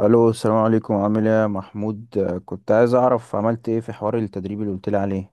الو، السلام عليكم. عامل ايه يا محمود؟ كنت عايز اعرف عملت ايه في حوار التدريب اللي قلت لي عليه.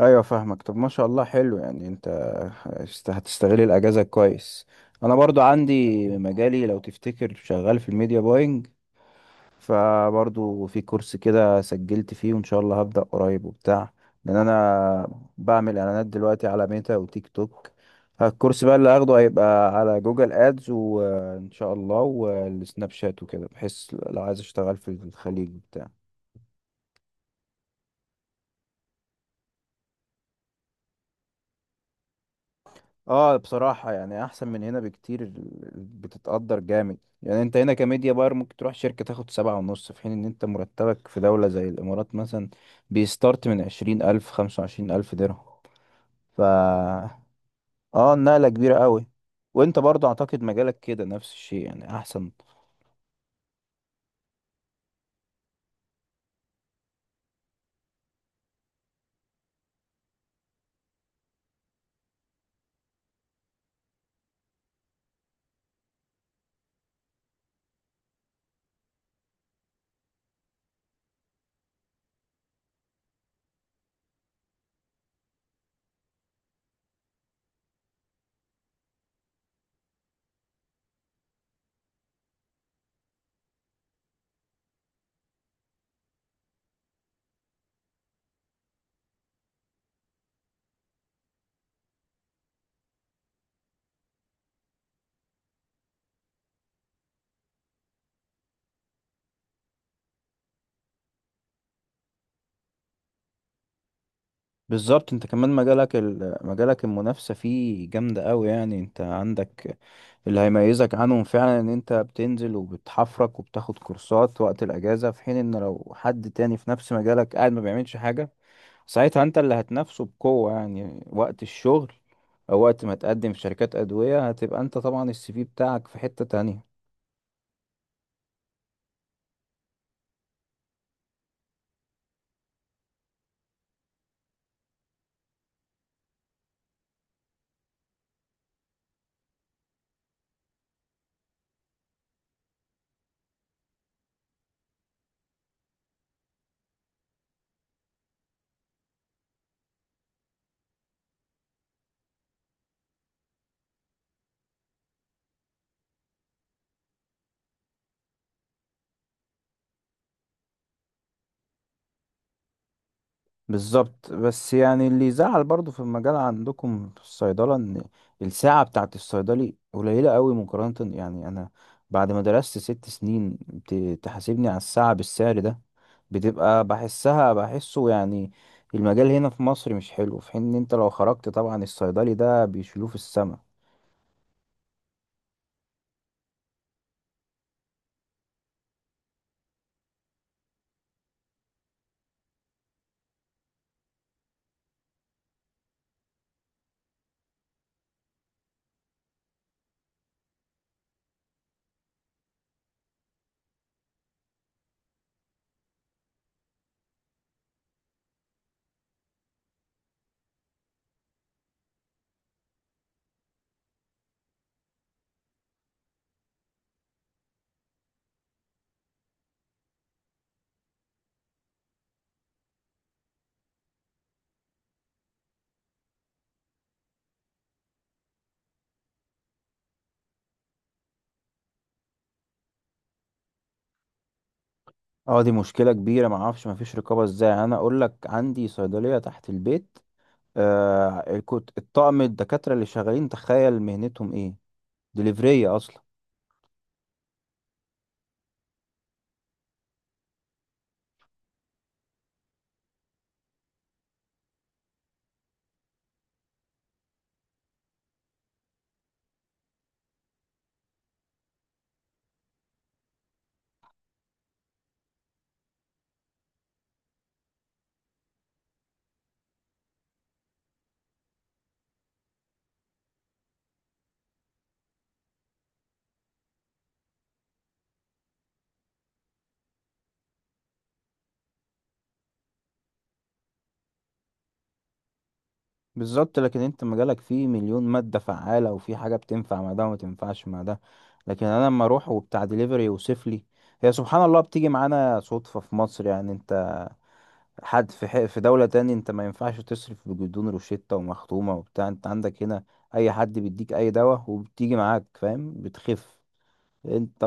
ايوه فاهمك. طب ما شاء الله حلو. يعني انت هتستغل الاجازه كويس. انا برضو عندي مجالي لو تفتكر، شغال في الميديا باينج، فبرضو في كورس كده سجلت فيه وان شاء الله هبدأ قريب وبتاع. لان انا بعمل اعلانات دلوقتي على ميتا وتيك توك. الكورس بقى اللي هاخده هيبقى على جوجل ادز وان شاء الله والسناب شات وكده، بحيث لو عايز اشتغل في الخليج بتاع اه بصراحة يعني احسن من هنا بكتير. بتتقدر جامد. يعني انت هنا كميديا باير ممكن تروح شركة تاخد 7.5، في حين ان انت مرتبك في دولة زي الامارات مثلا بيستارت من 20 الف، 25 الف درهم. ف اه النقلة كبيرة قوي. وانت برضه اعتقد مجالك كده نفس الشيء يعني احسن. بالظبط. انت كمان مجالك المنافسة فيه جامدة قوي. يعني انت عندك اللي هيميزك عنهم فعلا، ان انت بتنزل وبتحفرك وبتاخد كورسات وقت الاجازة، في حين ان لو حد تاني في نفس مجالك قاعد ما بيعملش حاجة. ساعتها انت اللي هتنافسه بقوة يعني وقت الشغل، او وقت ما تقدم في شركات ادوية هتبقى انت طبعا السي في بتاعك في حتة تانية. بالظبط. بس يعني اللي يزعل برضو في المجال عندكم في الصيدلة، ان الساعة بتاعت الصيدلي قليلة قوي مقارنة. يعني انا بعد ما درست 6 سنين، تحاسبني على الساعة بالسعر ده، بتبقى بحسه يعني. المجال هنا في مصر مش حلو، في حين ان انت لو خرجت طبعا الصيدلي ده بيشيلوه في السما. اه دي مشكلة كبيرة. معرفش مفيش رقابة ازاي. يعني انا اقول لك عندي صيدلية تحت البيت، كنت الطاقم الدكاترة اللي شغالين، تخيل مهنتهم ايه؟ دليفرية اصلا. بالظبط. لكن انت مجالك فيه مليون مادة فعالة وفي حاجة بتنفع مع ده وما تنفعش مع ده. لكن انا لما اروح وبتاع دليفري يوصف لي، هي سبحان الله بتيجي معانا صدفة في مصر. يعني انت حد في حق في دولة تاني انت ما ينفعش تصرف بجدون روشتة ومختومة وبتاع. انت عندك هنا اي حد بيديك اي دواء وبتيجي معاك، فاهم، بتخف انت.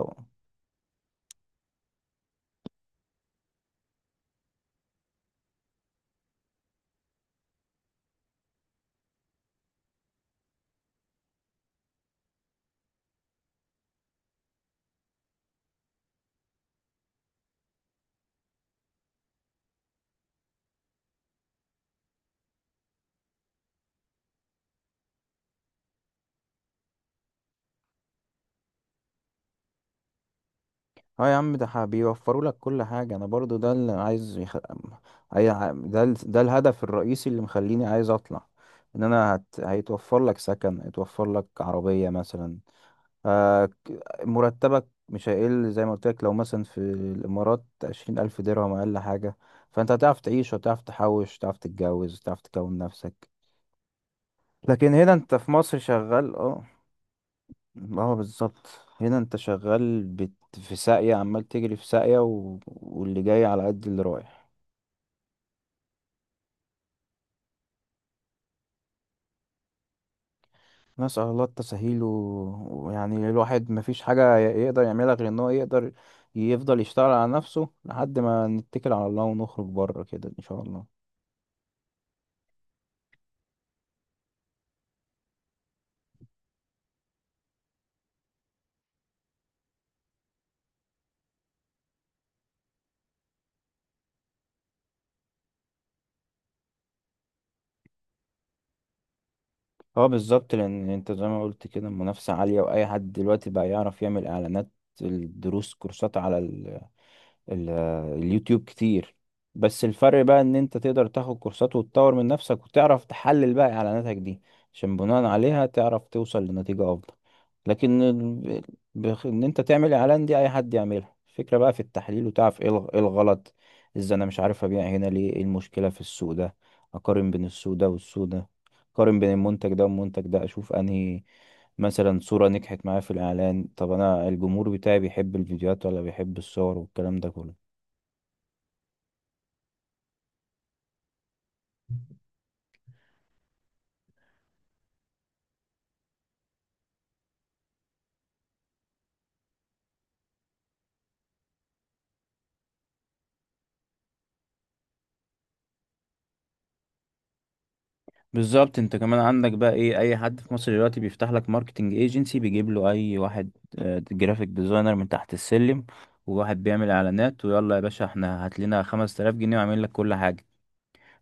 اه يا عم ده بيوفروا لك كل حاجة. انا برضو ده اللي عايز يخ... أي... ع- ده ال... ده الهدف الرئيسي اللي مخليني عايز اطلع. ان انا هيتوفر لك سكن، هيتوفر لك عربية مثلا، آه... مرتبك مش هيقل. زي ما قلت لك، لو مثلا في الامارات 20 الف درهم اقل حاجة، فانت هتعرف تعيش وتعرف تحوش وتعرف تتجوز وتعرف تكون نفسك. لكن هنا انت في مصر شغال، اه. اه بالظبط. هنا انت في ساقية، عمال تجري في واللي جاي على قد اللي رايح. نسأل الله التسهيل. ويعني الواحد مفيش حاجة يقدر يعملها غير ان هو يقدر يفضل يشتغل على نفسه، لحد ما نتكل على الله ونخرج بره كده ان شاء الله. اه بالظبط. لان انت زي ما قلت كده المنافسة عالية، واي حد دلوقتي بقى يعرف يعمل اعلانات. الدروس كورسات على ال- اليوتيوب كتير. بس الفرق بقى ان انت تقدر تاخد كورسات وتطور من نفسك وتعرف تحلل بقى اعلاناتك دي، عشان بناء عليها تعرف توصل لنتيجة افضل. لكن ان انت تعمل اعلان دي اي حد يعملها. الفكرة بقى في التحليل، وتعرف ايه إيه الغلط ازاي، انا مش عارف ابيع هنا ليه، ايه المشكلة في السوق ده. اقارن بين السوق ده والسوق ده، اقارن بين المنتج ده والمنتج ده، اشوف انهي مثلا صورة نجحت معايا في الاعلان. طب انا الجمهور بتاعي بيحب الفيديوهات ولا بيحب الصور والكلام ده كله. بالظبط. انت كمان عندك بقى ايه، اي حد في مصر دلوقتي بيفتح لك ماركتنج ايجنسي بيجيب له اي واحد جرافيك ديزاينر من تحت السلم، وواحد بيعمل اعلانات، ويلا يا باشا احنا هات لنا 5000 جنيه وعامل لك كل حاجه.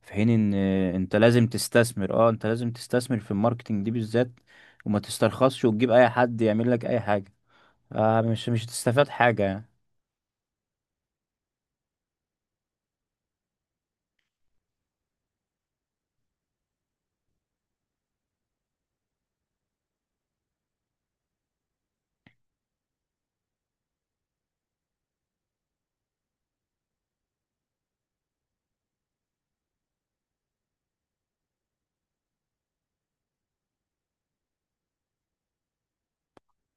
في حين ان انت لازم تستثمر، اه انت لازم تستثمر في الماركتنج دي بالذات، وما تسترخصش وتجيب اي حد يعمل لك اي حاجه. آه مش هتستفاد حاجه يعني.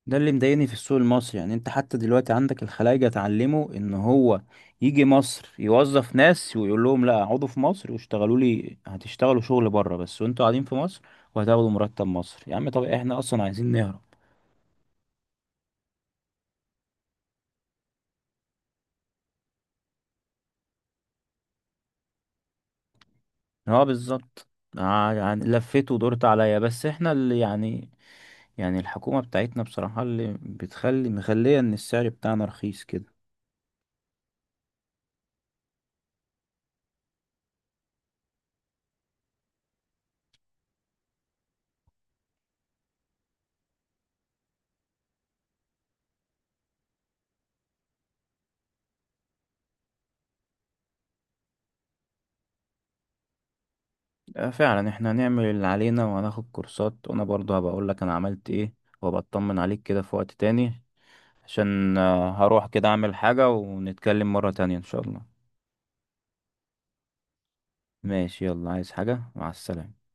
ده اللي مضايقني في السوق المصري. يعني انت حتى دلوقتي عندك الخلايجة اتعلموا ان هو يجي مصر يوظف ناس ويقول لهم لا اقعدوا في مصر واشتغلوا لي، هتشتغلوا شغل بره بس وانتوا قاعدين في مصر، وهتاخدوا مرتب مصر. يا عم طب احنا اصلا عايزين نهرب. اه بالظبط. آه يعني لفيت ودورت عليا، بس احنا اللي يعني، يعني الحكومة بتاعتنا بصراحة اللي بتخلي مخلية ان السعر بتاعنا رخيص كده. فعلا احنا هنعمل اللي علينا وهناخد كورسات، وانا برضه هبقى اقول لك انا عملت ايه، وابقى اطمن عليك كده في وقت تاني، عشان هروح كده اعمل حاجة، ونتكلم مرة تانية ان شاء الله. ماشي يلا، عايز حاجة؟ مع السلامة.